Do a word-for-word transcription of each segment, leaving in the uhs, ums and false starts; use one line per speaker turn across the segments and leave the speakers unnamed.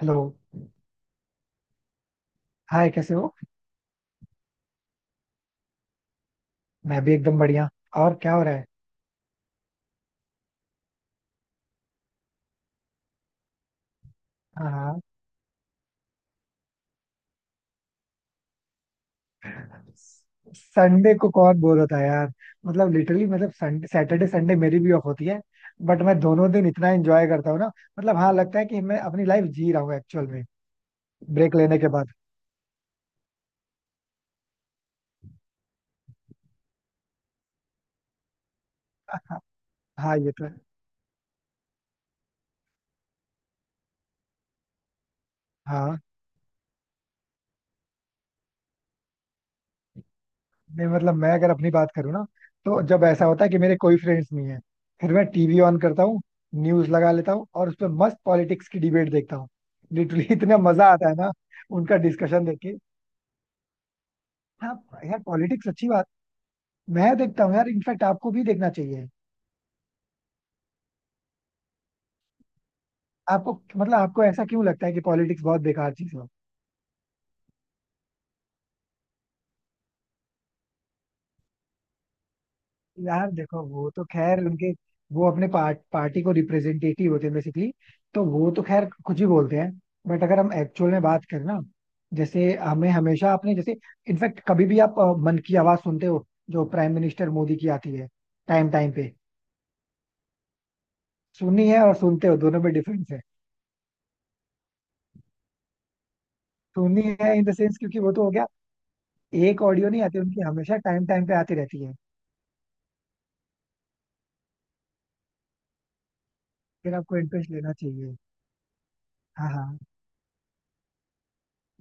Hello. Hi, कैसे हो? मैं भी एकदम बढ़िया. और क्या हो रहा है? हाँ, हाँ. संडे को कौन बोर होता है यार? मतलब लिटरली, मतलब संडे, सैटरडे संडे मेरी भी ऑफ होती है. बट मैं दोनों दिन इतना एंजॉय करता हूँ ना. मतलब हाँ, लगता है कि मैं अपनी लाइफ जी रहा हूँ एक्चुअल में, ब्रेक लेने के बाद. हाँ, ये तो है. हाँ, नहीं, मतलब मैं अगर अपनी बात करूँ ना, तो जब ऐसा होता है कि मेरे कोई फ्रेंड्स नहीं है, फिर मैं टीवी ऑन करता हूँ. न्यूज लगा लेता हूँ और उस पर मस्त पॉलिटिक्स की डिबेट देखता हूँ. लिटरली इतना मजा आता है ना, उनका डिस्कशन देख के. हाँ. यार पॉलिटिक्स अच्छी बात. मैं देखता हूँ यार, इनफैक्ट आपको भी देखना चाहिए. आपको मतलब, आपको ऐसा क्यों लगता है कि पॉलिटिक्स बहुत बेकार चीज हो? यार देखो, वो तो खैर उनके, वो अपने पार्ट पार्टी को रिप्रेजेंटेटिव होते हैं बेसिकली. तो वो तो खैर कुछ ही बोलते हैं. बट अगर हम एक्चुअल में बात करें ना, जैसे हमें हमेशा आपने जैसे इनफैक्ट कभी भी आप अ, मन की आवाज सुनते हो, जो प्राइम मिनिस्टर मोदी की आती है टाइम टाइम पे. सुननी है और सुनते हो, दोनों में डिफरेंस है. सुननी है इन द सेंस, क्योंकि वो तो हो गया. एक ऑडियो नहीं आती उनकी, हमेशा टाइम टाइम पे आती रहती है. फिर आपको इंटरेस्ट लेना चाहिए. हाँ, हाँ.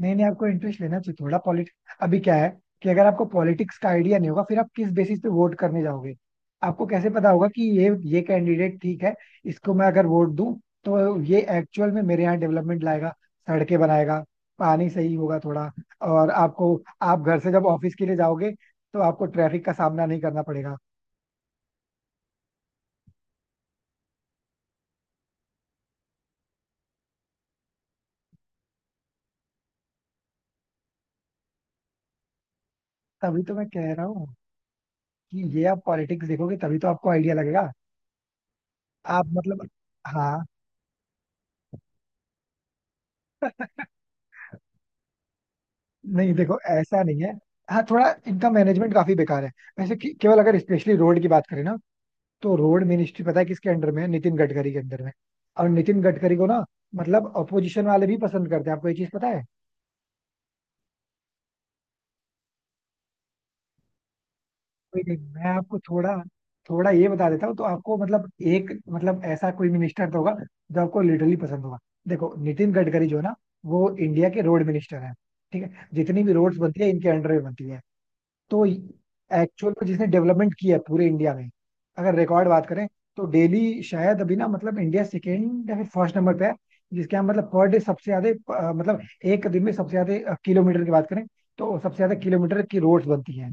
नहीं नहीं, आपको इंटरेस्ट लेना चाहिए थोड़ा पॉलिटिक्स. अभी क्या है कि अगर आपको पॉलिटिक्स का आइडिया नहीं होगा, फिर आप किस बेसिस पे वोट करने जाओगे? आपको कैसे पता होगा कि ये ये कैंडिडेट ठीक है, इसको मैं अगर वोट दूं तो ये एक्चुअल में मेरे यहाँ डेवलपमेंट लाएगा, सड़कें बनाएगा, पानी सही होगा थोड़ा. और आपको, आप घर से जब ऑफिस के लिए जाओगे तो आपको ट्रैफिक का सामना नहीं करना पड़ेगा. तभी तो मैं कह रहा हूँ कि ये आप पॉलिटिक्स देखोगे तभी तो आपको आइडिया लगेगा. आप मतलब, हाँ. नहीं देखो, ऐसा नहीं है. हाँ, थोड़ा इनका मैनेजमेंट काफी बेकार है वैसे. कि, केवल अगर स्पेशली रोड की बात करें ना, तो रोड मिनिस्ट्री पता है किसके अंडर में है? नितिन गडकरी के अंदर में. और नितिन गडकरी को ना, मतलब अपोजिशन वाले भी पसंद करते हैं, आपको ये चीज पता है? कोई नहीं, मैं आपको थोड़ा थोड़ा ये बता देता हूँ. तो आपको मतलब, एक मतलब ऐसा कोई मिनिस्टर तो होगा जो आपको लिटरली पसंद होगा. देखो नितिन गडकरी जो है ना, वो इंडिया के रोड मिनिस्टर है ठीक है, जितनी भी रोड्स बनती है इनके अंडर में बनती है तो एक्चुअल में जिसने डेवलपमेंट किया है पूरे इंडिया में, अगर रिकॉर्ड बात करें, तो डेली शायद अभी ना, मतलब इंडिया सेकेंड या फिर फर्स्ट नंबर पे है जिसके यहाँ, मतलब पर डे सबसे ज्यादा, अ, मतलब एक दिन में सबसे ज्यादा किलोमीटर की बात करें, तो सबसे ज्यादा किलोमीटर की रोड्स बनती हैं.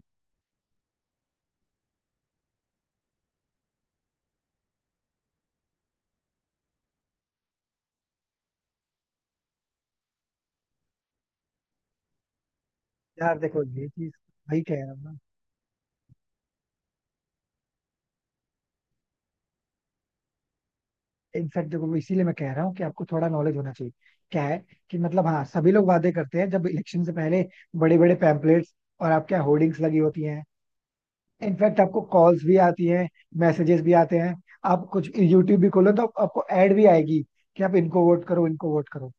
यार देखो ये चीज, वही कह रहा हूँ ना. इनफैक्ट देखो, वो इसीलिए मैं कह रहा हूँ कि आपको थोड़ा नॉलेज होना चाहिए. क्या है कि मतलब हाँ, सभी लोग वादे करते हैं जब इलेक्शन से पहले. बड़े बड़े पैम्पलेट्स और आपके यहाँ होर्डिंग्स लगी होती हैं. इनफैक्ट आपको कॉल्स भी आती हैं, मैसेजेस भी आते हैं. आप कुछ यूट्यूब भी खोलो तो आप- आपको एड भी आएगी कि आप इनको वोट करो, इनको वोट करो.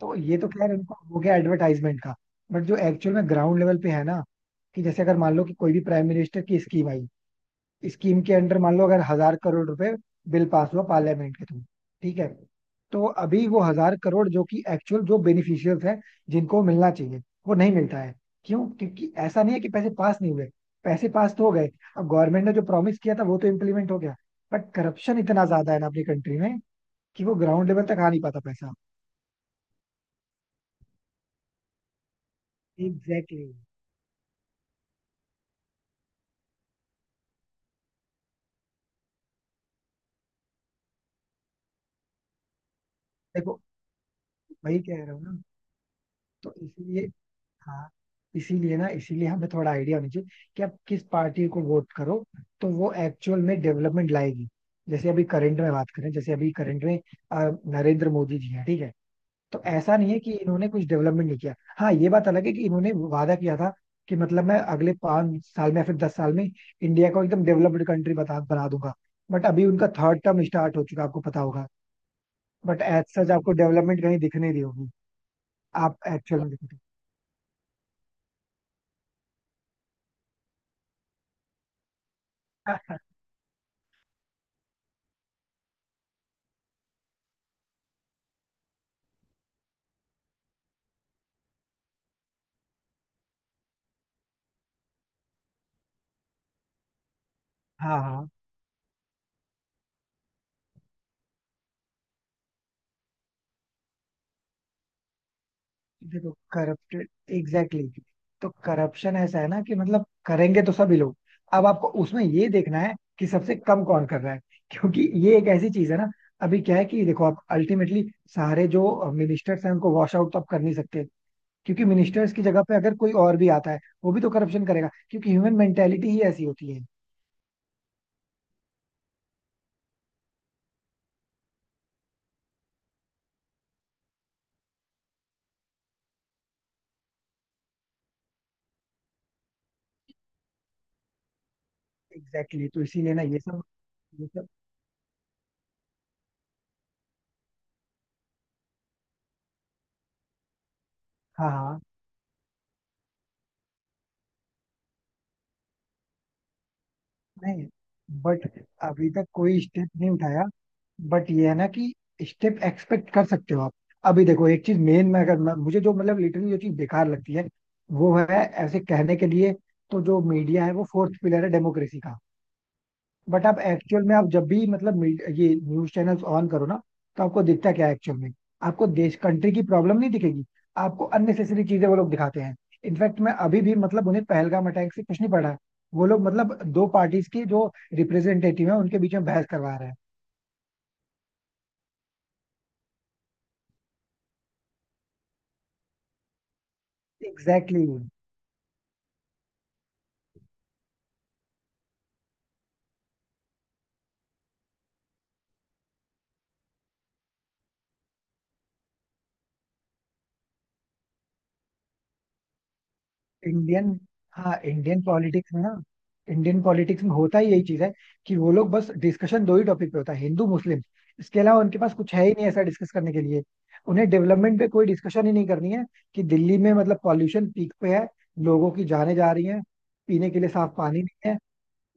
तो ये तो खैर इनको हो गया एडवर्टाइजमेंट का. बट जो एक्चुअल में ग्राउंड लेवल पे है ना, कि जैसे अगर मान लो कि कोई भी प्राइम मिनिस्टर की स्कीम आई, स्कीम के अंडर मान लो अगर हजार करोड़ रुपए बिल पास हुआ पार्लियामेंट के थ्रू. ठीक है, तो अभी वो हजार करोड़ जो कि एक्चुअल जो बेनिफिशियल्स हैं, जिनको मिलना चाहिए, वो नहीं मिलता है. क्यों? क्योंकि ऐसा नहीं है कि पैसे पास नहीं हुए, पैसे पास तो हो गए. अब गवर्नमेंट ने जो प्रॉमिस किया था वो तो इम्प्लीमेंट हो गया. बट करप्शन इतना ज्यादा है ना अपनी कंट्री में, कि वो ग्राउंड लेवल तक आ नहीं पाता पैसा. Exactly exactly. देखो, वही कह रहा हूँ ना. तो इसलिए, हाँ, इसीलिए ना, इसीलिए हमें थोड़ा आइडिया होना चाहिए कि आप किस पार्टी को वोट करो, तो वो एक्चुअल में डेवलपमेंट लाएगी. जैसे अभी करंट में बात करें, जैसे अभी करंट में अ, नरेंद्र मोदी जी हैं. ठीक है, तो ऐसा नहीं है कि इन्होंने कुछ डेवलपमेंट नहीं किया. हाँ, ये बात अलग है कि इन्होंने वादा किया था कि मतलब मैं अगले पांच साल में या फिर दस साल में इंडिया को एकदम डेवलप्ड कंट्री बता बना दूंगा. बट अभी उनका थर्ड टर्म स्टार्ट हो चुका है, आपको पता होगा. बट एज सच आपको डेवलपमेंट कहीं दिख नहीं रही होगी. आप एक्चुअल में देखो. हाँ, हाँ. देखो करप्टेड, एग्जैक्टली exactly. तो करप्शन ऐसा है ना कि मतलब करेंगे तो सभी लोग. अब आपको उसमें ये देखना है कि सबसे कम कौन कर रहा है, क्योंकि ये एक ऐसी चीज है ना. अभी क्या है कि देखो, आप अल्टीमेटली सारे जो मिनिस्टर्स हैं उनको वॉश आउट तो आप कर नहीं सकते, क्योंकि मिनिस्टर्स की जगह पे अगर कोई और भी आता है, वो भी तो करप्शन करेगा, क्योंकि ह्यूमन मेंटेलिटी ही ऐसी होती है. Exactly exactly. तो इसीलिए ना, ये सब ये सब, हाँ, हाँ, नहीं. बट अभी तक कोई स्टेप नहीं उठाया. बट ये है ना कि स्टेप एक्सपेक्ट कर सकते हो आप. अभी देखो एक चीज मेन में, अगर मैं, मुझे जो मतलब लिटरली जो चीज बेकार लगती है, वो है, ऐसे कहने के लिए, तो जो मीडिया है वो फोर्थ पिलर है डेमोक्रेसी का. बट आप एक्चुअल में आप जब भी मतलब media- ये न्यूज चैनल्स ऑन करो ना, तो आपको दिखता क्या है एक्चुअल में? आपको देश कंट्री की प्रॉब्लम नहीं दिखेगी. आपको अननेसेसरी चीजें वो लोग दिखाते हैं. इनफैक्ट मैं अभी भी मतलब, उन्हें पहलगाम अटैक से कुछ नहीं पड़ा है. वो लोग मतलब दो पार्टीज के जो रिप्रेजेंटेटिव है उनके बीच में बहस करवा रहे हैं. एग्जैक्टली. इंडियन, हाँ इंडियन पॉलिटिक्स में ना, इंडियन पॉलिटिक्स में होता ही यही चीज है कि वो लोग बस डिस्कशन दो ही टॉपिक पे होता है, हिंदू मुस्लिम. इसके अलावा उनके पास कुछ है ही नहीं ऐसा डिस्कस करने के लिए. उन्हें डेवलपमेंट पे कोई डिस्कशन ही नहीं करनी है. कि दिल्ली में मतलब पॉल्यूशन पीक पे है, लोगों की जानें जा रही हैं, पीने के लिए साफ पानी नहीं है,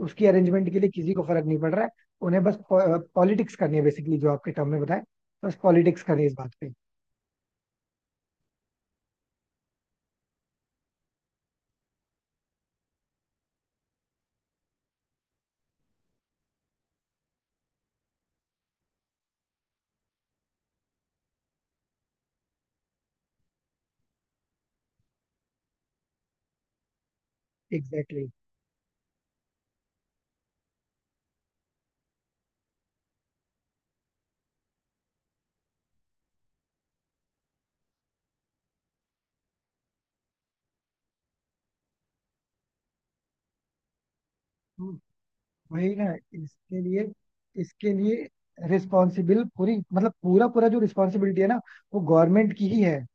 उसकी अरेंजमेंट के लिए किसी को फर्क नहीं पड़ रहा है. उन्हें बस पॉलिटिक्स करनी है बेसिकली, जो आपके टर्म में बताए, बस पॉलिटिक्स करनी है इस बात पे. एग्जैक्टली. वही ना, इसके लिए, इसके लिए रिस्पॉन्सिबल पूरी, मतलब पूरा पूरा जो रिस्पॉन्सिबिलिटी है ना, वो गवर्नमेंट की ही है.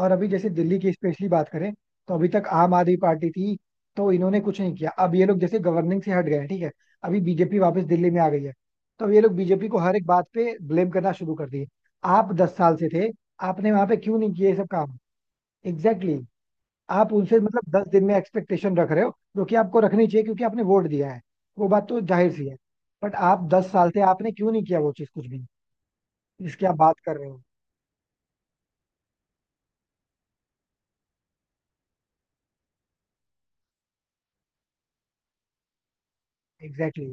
और अभी जैसे दिल्ली की स्पेशली बात करें, तो अभी तक आम आदमी पार्टी थी, तो इन्होंने कुछ नहीं किया. अब ये लोग जैसे गवर्निंग से हट गए हैं, ठीक है, अभी बीजेपी वापस दिल्ली में आ गई है. तो अब ये लोग बीजेपी को हर एक बात पे ब्लेम करना शुरू कर दिए, आप दस साल से थे, आपने वहां पे क्यों नहीं किए ये सब काम? एग्जैक्टली. आप उनसे मतलब दस दिन में एक्सपेक्टेशन रख रहे हो, जो कि आपको रखनी चाहिए क्योंकि आपने वोट दिया है, वो बात तो जाहिर सी है. बट आप दस साल से आपने क्यों नहीं किया वो चीज कुछ भी, जिसकी आप बात कर रहे हो? एग्जैक्टली.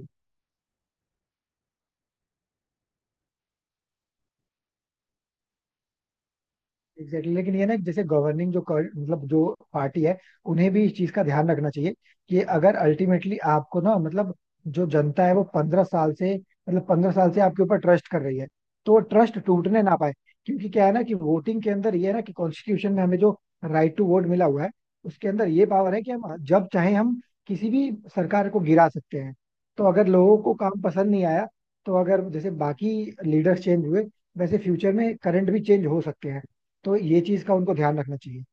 Exactly exactly. लेकिन ये ना, जैसे गवर्निंग जो कर, मतलब जो पार्टी है, उन्हें भी इस चीज का ध्यान रखना चाहिए, कि अगर अल्टीमेटली आपको ना, मतलब, जो जनता है वो पंद्रह साल से, मतलब पंद्रह साल से आपके ऊपर ट्रस्ट कर रही है, तो ट्रस्ट टूटने ना पाए. क्योंकि क्या है ना कि वोटिंग के अंदर ये है ना कि कॉन्स्टिट्यूशन में हमें जो राइट टू वोट मिला हुआ है, उसके अंदर ये पावर है कि हम जब चाहे हम किसी भी सरकार को गिरा सकते हैं. तो अगर लोगों को काम पसंद नहीं आया, तो अगर जैसे बाकी लीडर्स चेंज हुए, वैसे फ्यूचर में करंट भी चेंज हो सकते हैं. तो ये चीज का उनको ध्यान रखना चाहिए.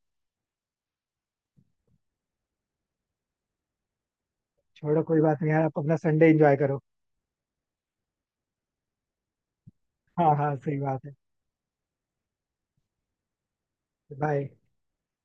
छोड़ो, कोई बात नहीं यार, आप अपना संडे एंजॉय करो. हाँ हाँ सही बात है. बाय.